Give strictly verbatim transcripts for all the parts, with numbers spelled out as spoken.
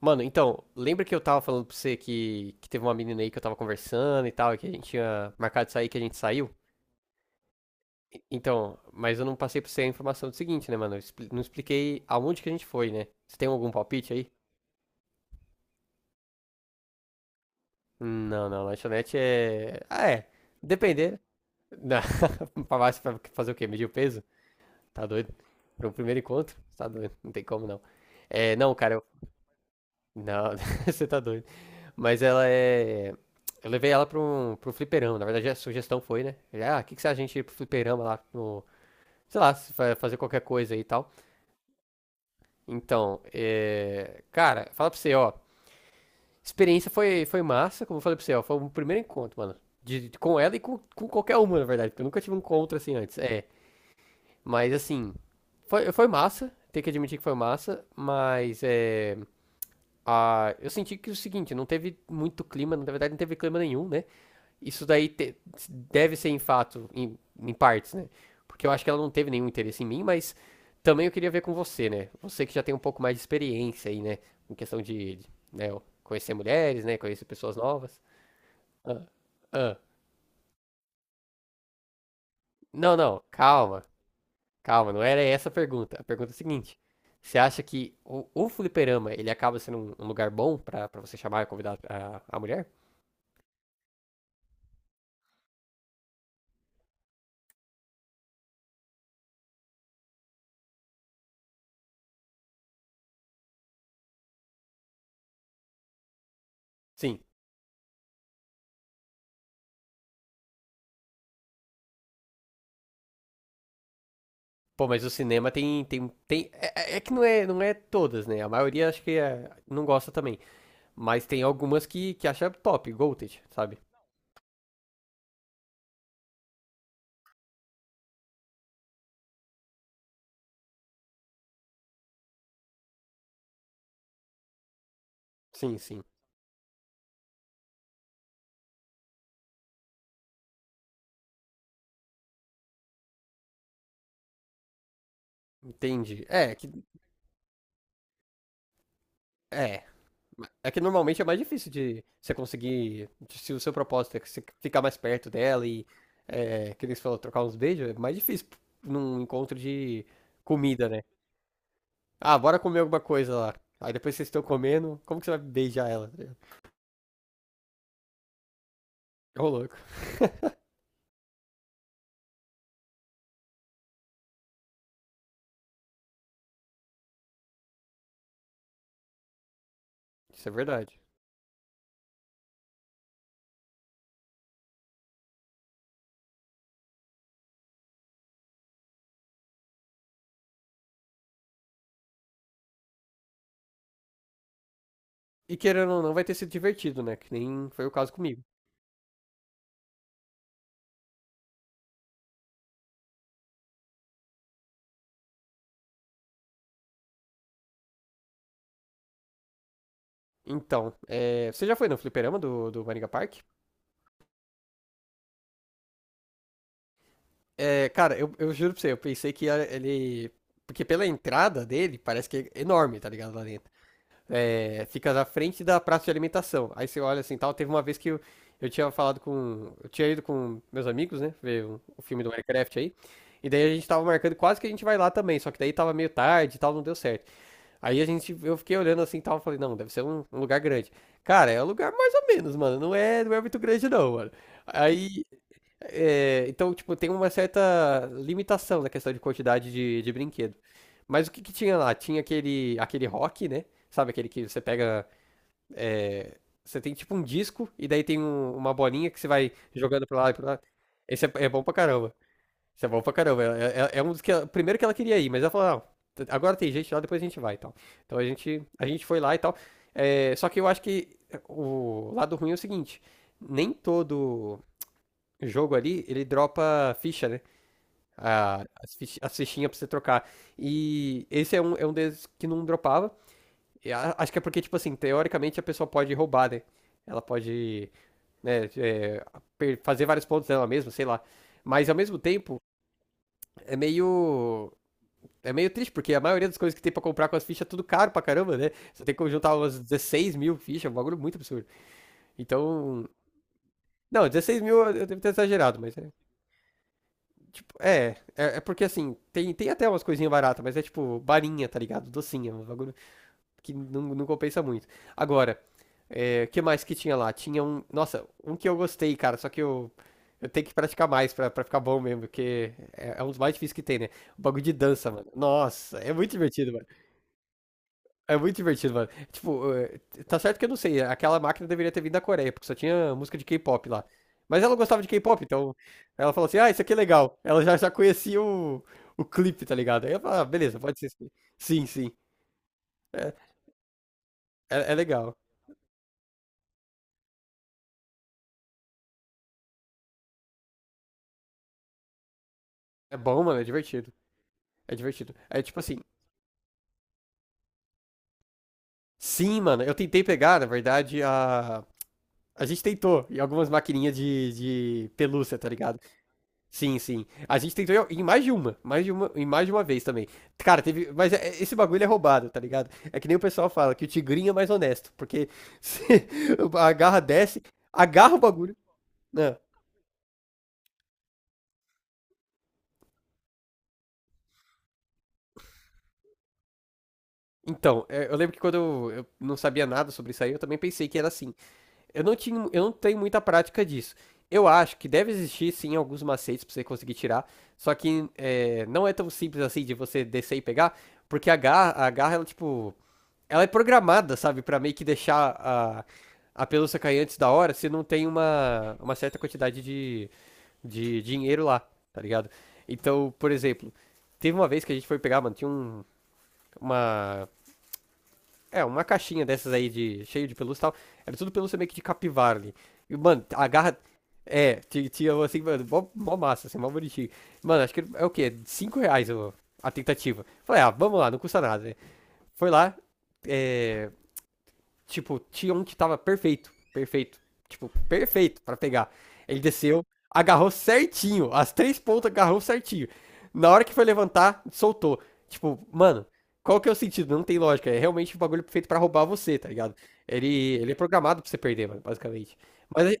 Mano, então, lembra que eu tava falando pra você que, que teve uma menina aí que eu tava conversando e tal, e que a gente tinha marcado de sair, que a gente saiu? E- Então, mas eu não passei pra você a informação do seguinte, né, mano? Eu expli- não expliquei aonde que a gente foi, né? Você tem algum palpite aí? Não, não, lanchonete é. Ah, é. Depender. Não. Pra baixo, pra fazer o quê? Medir o peso? Tá doido? Pra um primeiro encontro? Tá doido, não tem como não. É, não, cara, eu. Não, você tá doido. Mas ela é. Eu levei ela pra um, pra um fliperama. Na verdade, a sugestão foi, né? Ah, o que que se a gente ir pro fliperama lá no. Sei lá, se fa- fazer qualquer coisa aí e tal. Então, é... cara, fala pra você, ó. Experiência foi, foi massa, como eu falei pra você, ó. Foi o primeiro encontro, mano. De, com ela e com, com qualquer uma, na verdade. Porque eu nunca tive um encontro assim antes. É. Mas assim. Foi, foi massa. Tem que admitir que foi massa. Mas é. Ah, eu senti que é o seguinte, não teve muito clima, na verdade não teve clima nenhum, né? Isso daí te- Deve ser em fato, em, em partes, né? Porque eu acho que ela não teve nenhum interesse em mim, mas também eu queria ver com você, né? Você que já tem um pouco mais de experiência aí, né? Em questão de, de, né, conhecer mulheres, né? Conhecer pessoas novas. Ah, ah. Não, não, calma, calma, não era essa a pergunta. A pergunta é a seguinte: você acha que o, o fliperama ele acaba sendo um, um lugar bom pra pra você chamar e convidar a, a mulher? Sim. Pô, mas o cinema tem, tem, tem é, é é que não é, não é todas, né? A maioria acho que é- não gosta também. Mas tem algumas que, que acha top, Goated, sabe? Sim, sim. Entendi. É, que. É. É que normalmente é mais difícil de você conseguir. De- se o seu propósito é que você ficar mais perto dela e. É, que eles falam trocar uns beijos, é mais difícil num encontro de comida, né? Ah, bora comer alguma coisa lá. Aí depois vocês estão comendo, como que você vai beijar ela? Ô, louco. Isso é verdade. E querendo ou não, vai ter sido divertido, né? Que nem foi o caso comigo. Então, é, você já foi no fliperama do, do Maringa Park? É, cara, eu, eu juro pra você, eu pensei que a- ele. Porque pela entrada dele, parece que é enorme, tá ligado? Lá dentro. É, fica na frente da praça de alimentação. Aí você olha assim tal. Teve uma vez que eu, eu tinha falado com. Eu tinha ido com meus amigos, né? Ver o, o filme do Minecraft aí. E daí a gente tava marcando, quase que a gente vai lá também. Só que daí tava meio tarde e tal, não deu certo. Aí a gente, eu fiquei olhando assim e tal, falei, não, deve ser um, um lugar grande. Cara, é um lugar mais ou menos, mano. Não é, não é muito grande, não, mano. Aí. É, então, tipo, tem uma certa limitação na questão de quantidade de, de brinquedo. Mas o que que tinha lá? Tinha aquele, aquele rock, né? Sabe aquele que você pega. É, você tem tipo um disco e daí tem um- uma bolinha que você vai jogando pra lá e pra lá. Esse é, é bom pra caramba. Isso é bom pra caramba. É, é- é um dos que. ela- Primeiro que ela queria ir, mas ela falou, "Não, agora tem gente lá, depois a gente vai e tal." Então a gente, a gente foi lá e tal. É, só que eu acho que é, o lado ruim é o seguinte: nem todo jogo ali ele dropa ficha, né? A- as, fich- as fichinhas pra você trocar. E esse é um, é um deles que não dropava. E a- acho que é porque, tipo assim, teoricamente a pessoa pode roubar, né? Ela pode, né, é, per- fazer vários pontos dela mesma, sei lá. Mas ao mesmo tempo, é meio. É meio triste, porque a maioria das coisas que tem pra comprar com as fichas é tudo caro pra caramba, né? Você tem que juntar umas dezesseis mil fichas, é um bagulho muito absurdo. Então. Não, dezesseis mil eu eu devo ter exagerado, mas é. Tipo, é. É, é porque assim, tem, tem até umas coisinhas baratas, mas é tipo barinha, tá ligado? Docinha, um bagulho que não, não compensa muito. Agora, é, o que mais que tinha lá? Tinha um. Nossa, um que eu gostei, cara, só que eu. Eu tenho que praticar mais pra, pra ficar bom mesmo, porque é, é um dos mais difíceis que tem, né? O bagulho de dança, mano. Nossa, é muito divertido, mano. É muito divertido, mano. Tipo, eh, tá certo que eu não sei, aquela máquina deveria ter vindo da Coreia, porque só tinha música de K-pop lá. Mas ela gostava de K-pop, então ela falou assim: ah, isso aqui é legal. Ela já, já conhecia o, o clipe, tá ligado? Aí eu falei: ah, beleza, pode ser isso aqui. Sim, sim. É, é, é legal. É bom, mano, é divertido. É divertido. É tipo assim, sim, mano, eu tentei pegar, na verdade, a. A gente tentou em algumas maquininhas de, de pelúcia, tá ligado? Sim, sim. A gente tentou em em mais de uma, mais de uma, em mais de uma vez também. Cara, teve, mas é- esse bagulho é roubado, tá ligado? É que nem o pessoal fala que o tigrinho é mais honesto, porque se a garra desce, agarra o bagulho. Não. Então, é, eu lembro que quando eu, eu não sabia nada sobre isso aí, eu também pensei que era assim. Eu não tinha, eu não tenho muita prática disso. Eu acho que deve existir sim alguns macetes pra você conseguir tirar, só que é, não é tão simples assim de você descer e pegar, porque a garra, a garra ela tipo. Ela é programada, sabe, pra meio que deixar a, a pelúcia cair antes da hora se não tem uma, uma certa quantidade de, de dinheiro lá, tá ligado? Então, por exemplo, teve uma vez que a gente foi pegar, mano, tinha um, uma. É, uma caixinha dessas aí de cheio de pelúcia e tal. Era tudo pelúcia meio que de capivara ali. E, mano, a garra. É, ti- tinha assim, mano, mó, mó massa, assim, mó bonitinho. Mano, acho que é o quê? Cinco reais o- a tentativa. Falei, ah, vamos lá, não custa nada, né? Foi lá, é. Tipo, tinha um que tava perfeito, perfeito, tipo, perfeito pra pegar. Ele desceu, agarrou certinho, as três pontas agarrou certinho. Na hora que foi levantar, soltou. Tipo, mano, qual que é o sentido? Não tem lógica. É realmente um bagulho feito pra roubar você, tá ligado? Ele, Ele é programado pra você perder, mano, basicamente. Mas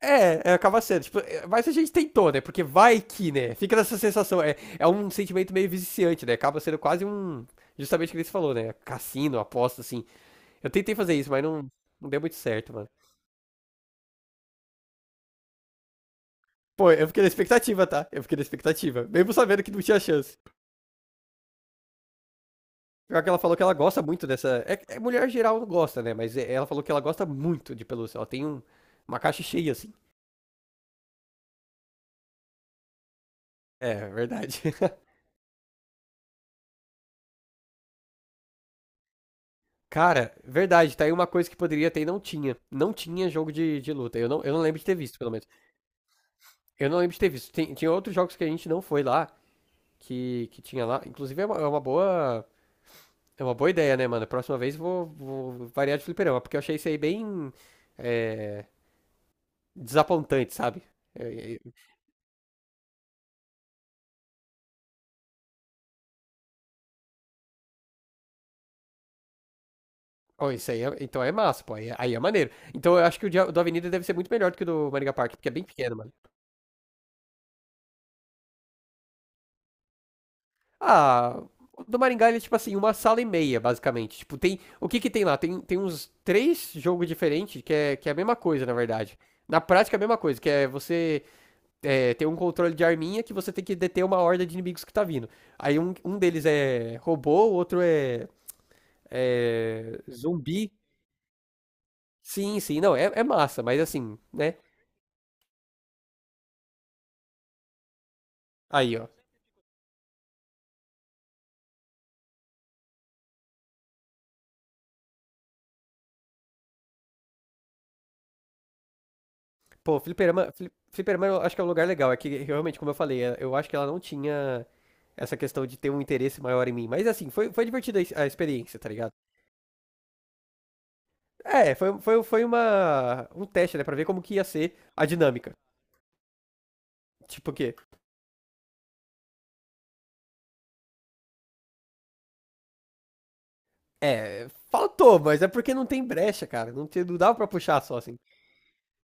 é, é, acaba sendo. Tipo, é, mas a gente tentou, né? Porque vai que, né? Fica nessa sensação. É, é um sentimento meio viciante, né? Acaba sendo quase um. Justamente o que ele falou, né? Cassino, aposta, assim. Eu tentei fazer isso, mas não, não deu muito certo, mano. Pô, eu fiquei na expectativa, tá? Eu fiquei na expectativa. Mesmo sabendo que não tinha chance. Pior que ela falou que ela gosta muito dessa. É, é mulher geral não gosta, né? Mas é- ela falou que ela gosta muito de pelúcia. Ela tem um- uma caixa cheia, assim. É, verdade. Cara, verdade, tá aí uma coisa que poderia ter e não tinha. Não tinha jogo de, de luta. Eu não, eu não lembro de ter visto, pelo menos. Eu não lembro de ter visto. Tem, tinha outros jogos que a gente não foi lá, que, que tinha lá. Inclusive é uma, é uma boa. É uma boa ideia, né, mano? Próxima vez vou, vou variar de fliperama, porque eu achei isso aí bem, é, desapontante, sabe? É, é, ó, isso aí, é- então é massa, pô. Aí, é- aí é maneiro. Então eu acho que o dia do Avenida deve ser muito melhor do que o do Maringá Park, porque é bem pequeno, mano. Ah, o do Maringá ele é tipo assim, uma sala e meia, basicamente. Tipo, tem. O que que tem lá? Tem, tem uns três jogos diferentes que é, que é a mesma coisa, na verdade. Na prática é a mesma coisa, que é você, é, tem um controle de arminha que você tem que deter uma horda de inimigos que tá vindo. Aí um, um deles é robô, o outro é, é zumbi. Sim, sim, não, é, é massa, mas assim, né? Aí, ó. Pô, fliperama, fli- fliperama eu acho que é um lugar legal. É que realmente, como eu falei, é- eu acho que ela não tinha essa questão de ter um interesse maior em mim. Mas assim, foi, foi divertida a ex- a experiência, tá ligado? É, foi, foi, foi uma, um teste, né? Pra ver como que ia ser a dinâmica. Tipo, que. É, faltou, mas é porque não tem brecha, cara. Não, te, não dava pra puxar só assim.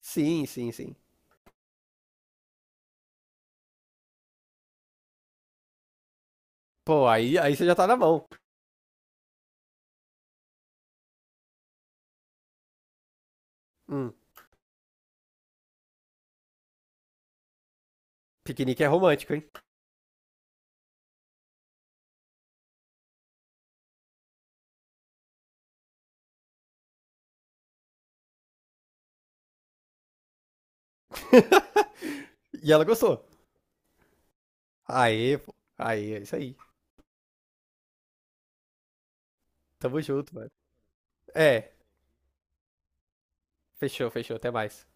Sim, sim, sim. Pô, aí, aí você já tá na mão. Hum, piquenique é romântico, hein? E ela gostou. Aê, pô. Aê, é isso aí. Tamo junto, mano. É, fechou, fechou. Até mais.